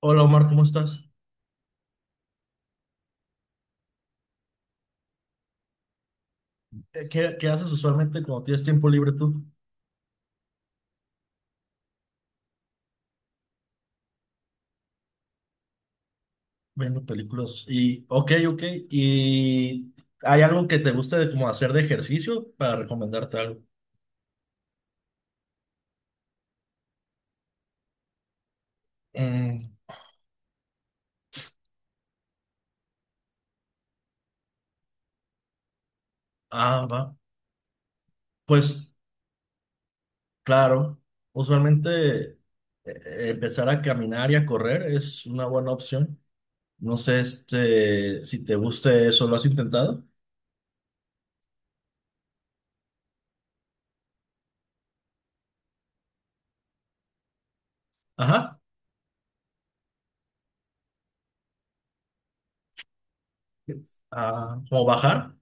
Hola Omar, ¿cómo estás? ¿Qué haces usualmente cuando tienes tiempo libre tú? Viendo películas. Y, ok, ok. ¿Y hay algo que te guste de como hacer de ejercicio para recomendarte algo? Mm, Ah, va. Pues claro, usualmente empezar a caminar y a correr es una buena opción. No sé este, si te guste eso, ¿lo has intentado? Ajá. Ah, ¿como bajar?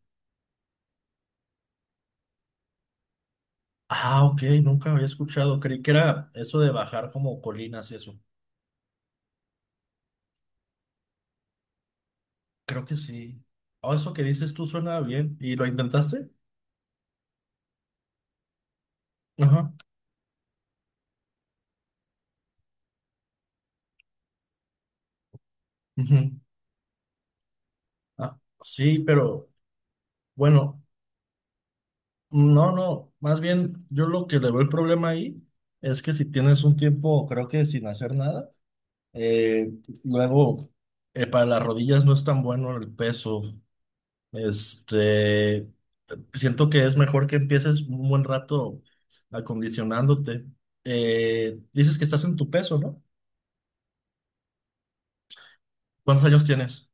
Ah, ok, nunca había escuchado. Creí que era eso de bajar como colinas y eso. Creo que sí. Ah, eso que dices tú suena bien. ¿Y lo intentaste? Ajá, ujú. Ah, sí, pero bueno, no, no. Más bien, yo lo que le veo el problema ahí es que si tienes un tiempo, creo que sin hacer nada, eh, luego para las rodillas no es tan bueno el peso. Este, siento que es mejor que empieces un buen rato acondicionándote. Dices que estás en tu peso, ¿no? ¿Cuántos años tienes?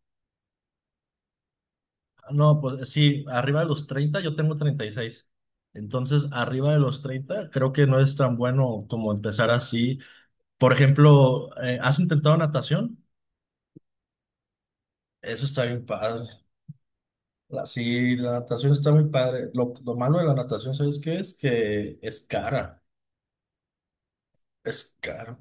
Ah, no, pues sí, arriba de los treinta, yo tengo treinta y seis. Entonces, arriba de los 30 creo que no es tan bueno como empezar así. Por ejemplo, ¿has intentado natación? Eso está bien padre. Sí, la natación está muy padre. Lo malo de la natación, ¿sabes qué es? Que es cara. Es caro.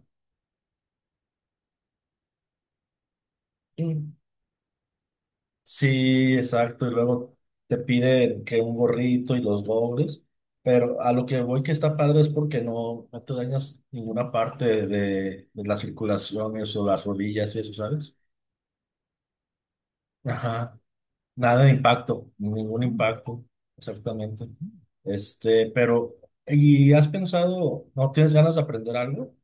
Sí, exacto. Y luego te piden que un gorrito y los dobles. Pero a lo que voy que está padre es porque no, no te dañas ninguna parte de las circulaciones o las rodillas y eso, ¿sabes? Ajá. Nada de impacto, ningún impacto, exactamente. Este, pero, ¿y has pensado, no tienes ganas de aprender algo?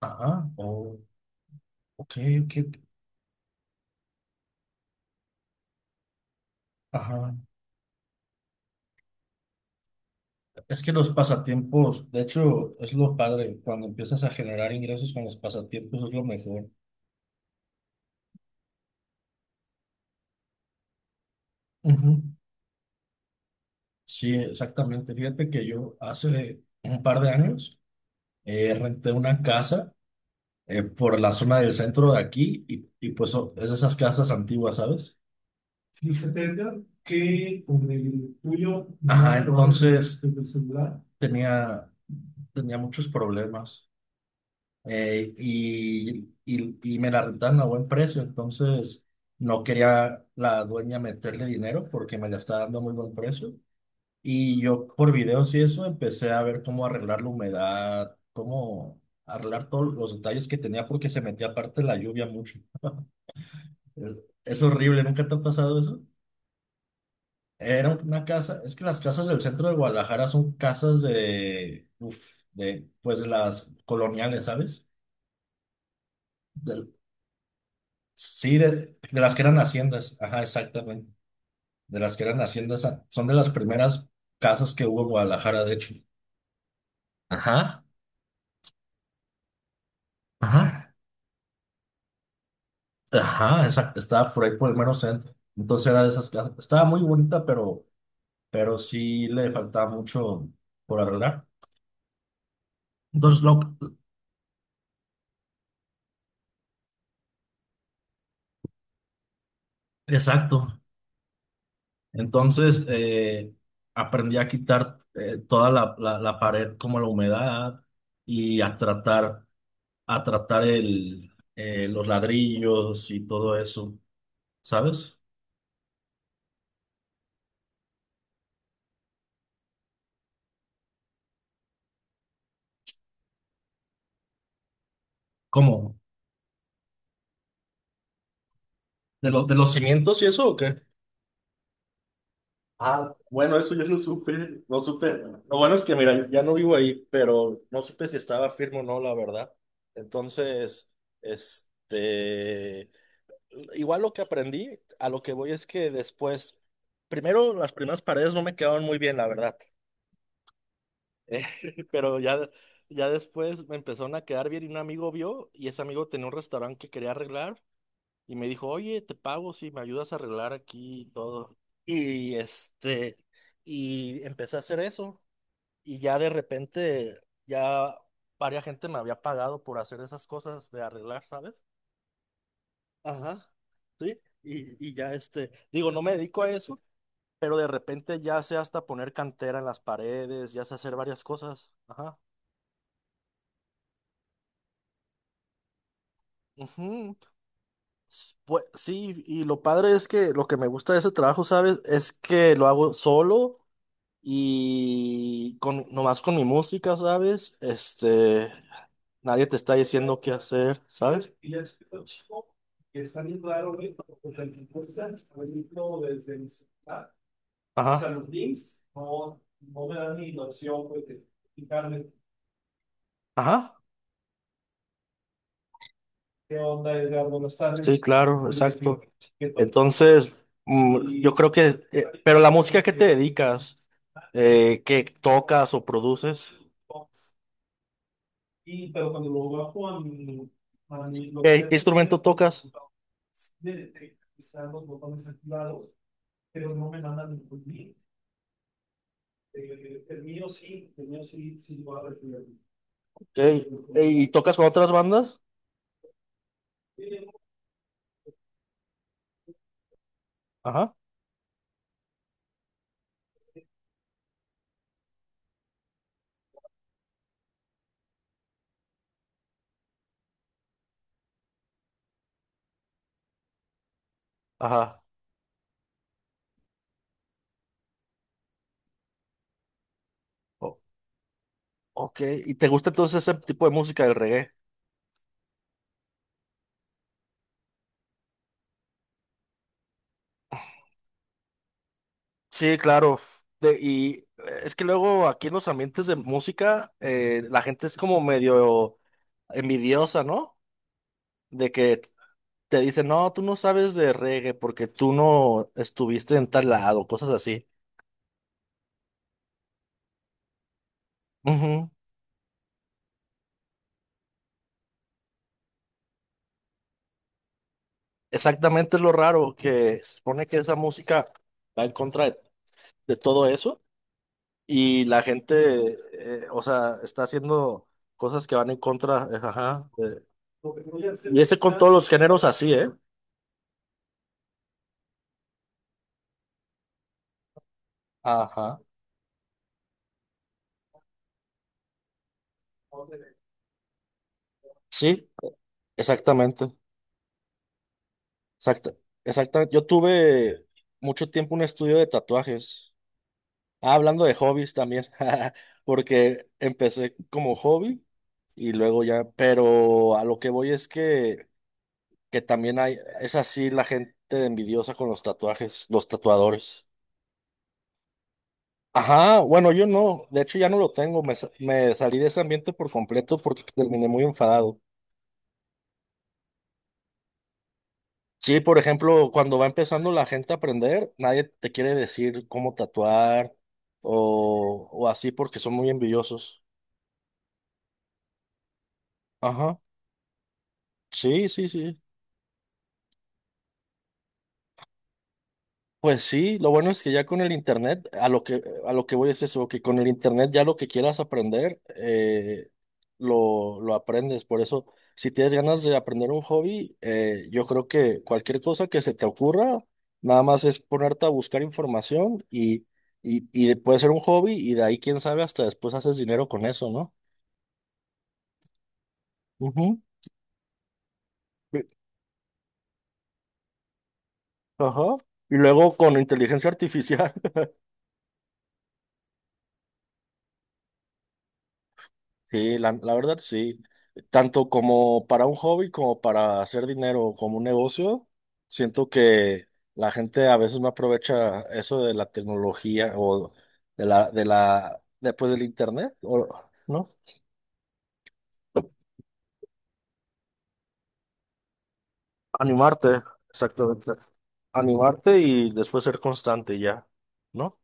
Ajá. Oh, ok, ok. Ajá. Es que los pasatiempos, de hecho, es lo padre. Cuando empiezas a generar ingresos con los pasatiempos es lo mejor. Ujú. Sí, exactamente. Fíjate que yo hace un par de años renté una casa por la zona del centro de aquí y pues oh, es de esas casas antiguas, ¿sabes? Fíjate, Edgar, que con el tuyo no. Ajá, entonces desde el celular tenía, tenía muchos problemas. Y me la rentaban a buen precio, entonces no quería la dueña meterle dinero porque me la estaba dando a muy buen precio. Y yo por videos y eso empecé a ver cómo arreglar la humedad, cómo arreglar todos los detalles que tenía porque se metía aparte la lluvia mucho. Eh, Es horrible, ¿nunca te ha pasado eso? Era una casa, es que las casas del centro de Guadalajara son casas de, uf, de, pues de las coloniales, ¿sabes? del- Sí, de las que eran haciendas, ajá, exactamente. De las que eran haciendas, ah, son de las primeras casas que hubo en Guadalajara, de hecho. Ajá, ajá, ajá, exacto. Estaba por ahí por el mero centro. Entonces era de esas casas. Estaba muy bonita, pero sí le faltaba mucho por arreglar. Entonces, lo, exacto. Entonces, aprendí a quitar toda la pared como la humedad y a tratar. A tratar el, los ladrillos y todo eso, ¿sabes? ¿Cómo? ¿De, de los cimientos y eso o qué? Ah, bueno, eso yo lo supe, no supe. Lo bueno es que, mira, ya no vivo ahí, pero no supe si estaba firme o no, la verdad. Entonces, este, igual lo que aprendí, a lo que voy es que después, primero las primeras paredes no me quedaron muy bien, la verdad. Pero ya, ya después me empezaron a quedar bien y un amigo vio y ese amigo tenía un restaurante que quería arreglar y me dijo, oye, te pago si me ayudas a arreglar aquí y todo. Y este, y empecé a hacer eso y ya de repente ya varias gente me había pagado por hacer esas cosas de arreglar, ¿sabes? Ajá. Sí, y ya este, digo, no me dedico a eso, pero de repente ya sé hasta poner cantera en las paredes, ya sé hacer varias cosas. Ajá. Ujú. Pues, sí, y lo padre es que lo que me gusta de ese trabajo, ¿sabes? Es que lo hago solo y con, nomás con mi música, ¿sabes? Este, nadie te está diciendo qué hacer, ¿sabes? Ajá, ajá. ¿Qué onda, Edgar? Buenas tardes. Sí, tardes. Claro, exacto. Entonces, mm, yo creo que, pero la música que te dedicas, que tocas o produces, pero cuando lo bajo a mi lo ¿qué que instrumento tocas? Están los botones activados, pero no me mandan ningún link. El mío sí, el mío sí, sí va a recibir. Ok, ¿y tocas con otras bandas? Eh, Ajá, ajá. Ok, ¿y te gusta entonces ese tipo de música del reggae? Sí, claro. Y es que luego aquí en los ambientes de música, la gente es como medio envidiosa, ¿no? De que te dicen, no, tú no sabes de reggae porque tú no estuviste en tal lado, cosas así. Ujú. Exactamente es lo raro, que se supone que esa música va en contra de todo eso. Y la gente, o sea, está haciendo cosas que van en contra, ajá. Y ese con todos los géneros así, ¿eh? Ajá. Sí, exactamente. Exacta, exactamente. Yo tuve mucho tiempo un estudio de tatuajes. Ah, hablando de hobbies también, porque empecé como hobby y luego ya, pero a lo que voy es que también hay, es así la gente envidiosa con los tatuajes, los tatuadores. Ajá, bueno, yo no, de hecho ya no lo tengo, me, me salí de ese ambiente por completo porque terminé muy enfadado. Sí, por ejemplo, cuando va empezando la gente a aprender, nadie te quiere decir cómo tatuar o así porque son muy envidiosos. Ajá, sí, sí, sí. Pues sí, lo bueno es que ya con el internet, a lo que voy es eso, que con el internet ya lo que quieras aprender, lo aprendes. Por eso, si tienes ganas de aprender un hobby, yo creo que cualquier cosa que se te ocurra, nada más es ponerte a buscar información y puede ser un hobby y de ahí, quién sabe, hasta después haces dinero con eso, ¿no? Ujú. Y- Ajá. Y luego con inteligencia artificial. Sí, la verdad sí. Tanto como para un hobby como para hacer dinero, como un negocio, siento que la gente a veces no aprovecha eso de la tecnología o de la, después del internet, o, ¿no? Animarte, exactamente. Animarte y después ser constante ya, ¿no?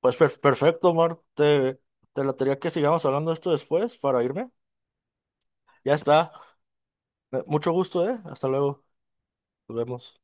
Pues perfecto, Mar. Te latería que sigamos hablando de esto después para irme. Ya está. Mucho gusto, ¿eh? Hasta luego. Nos vemos.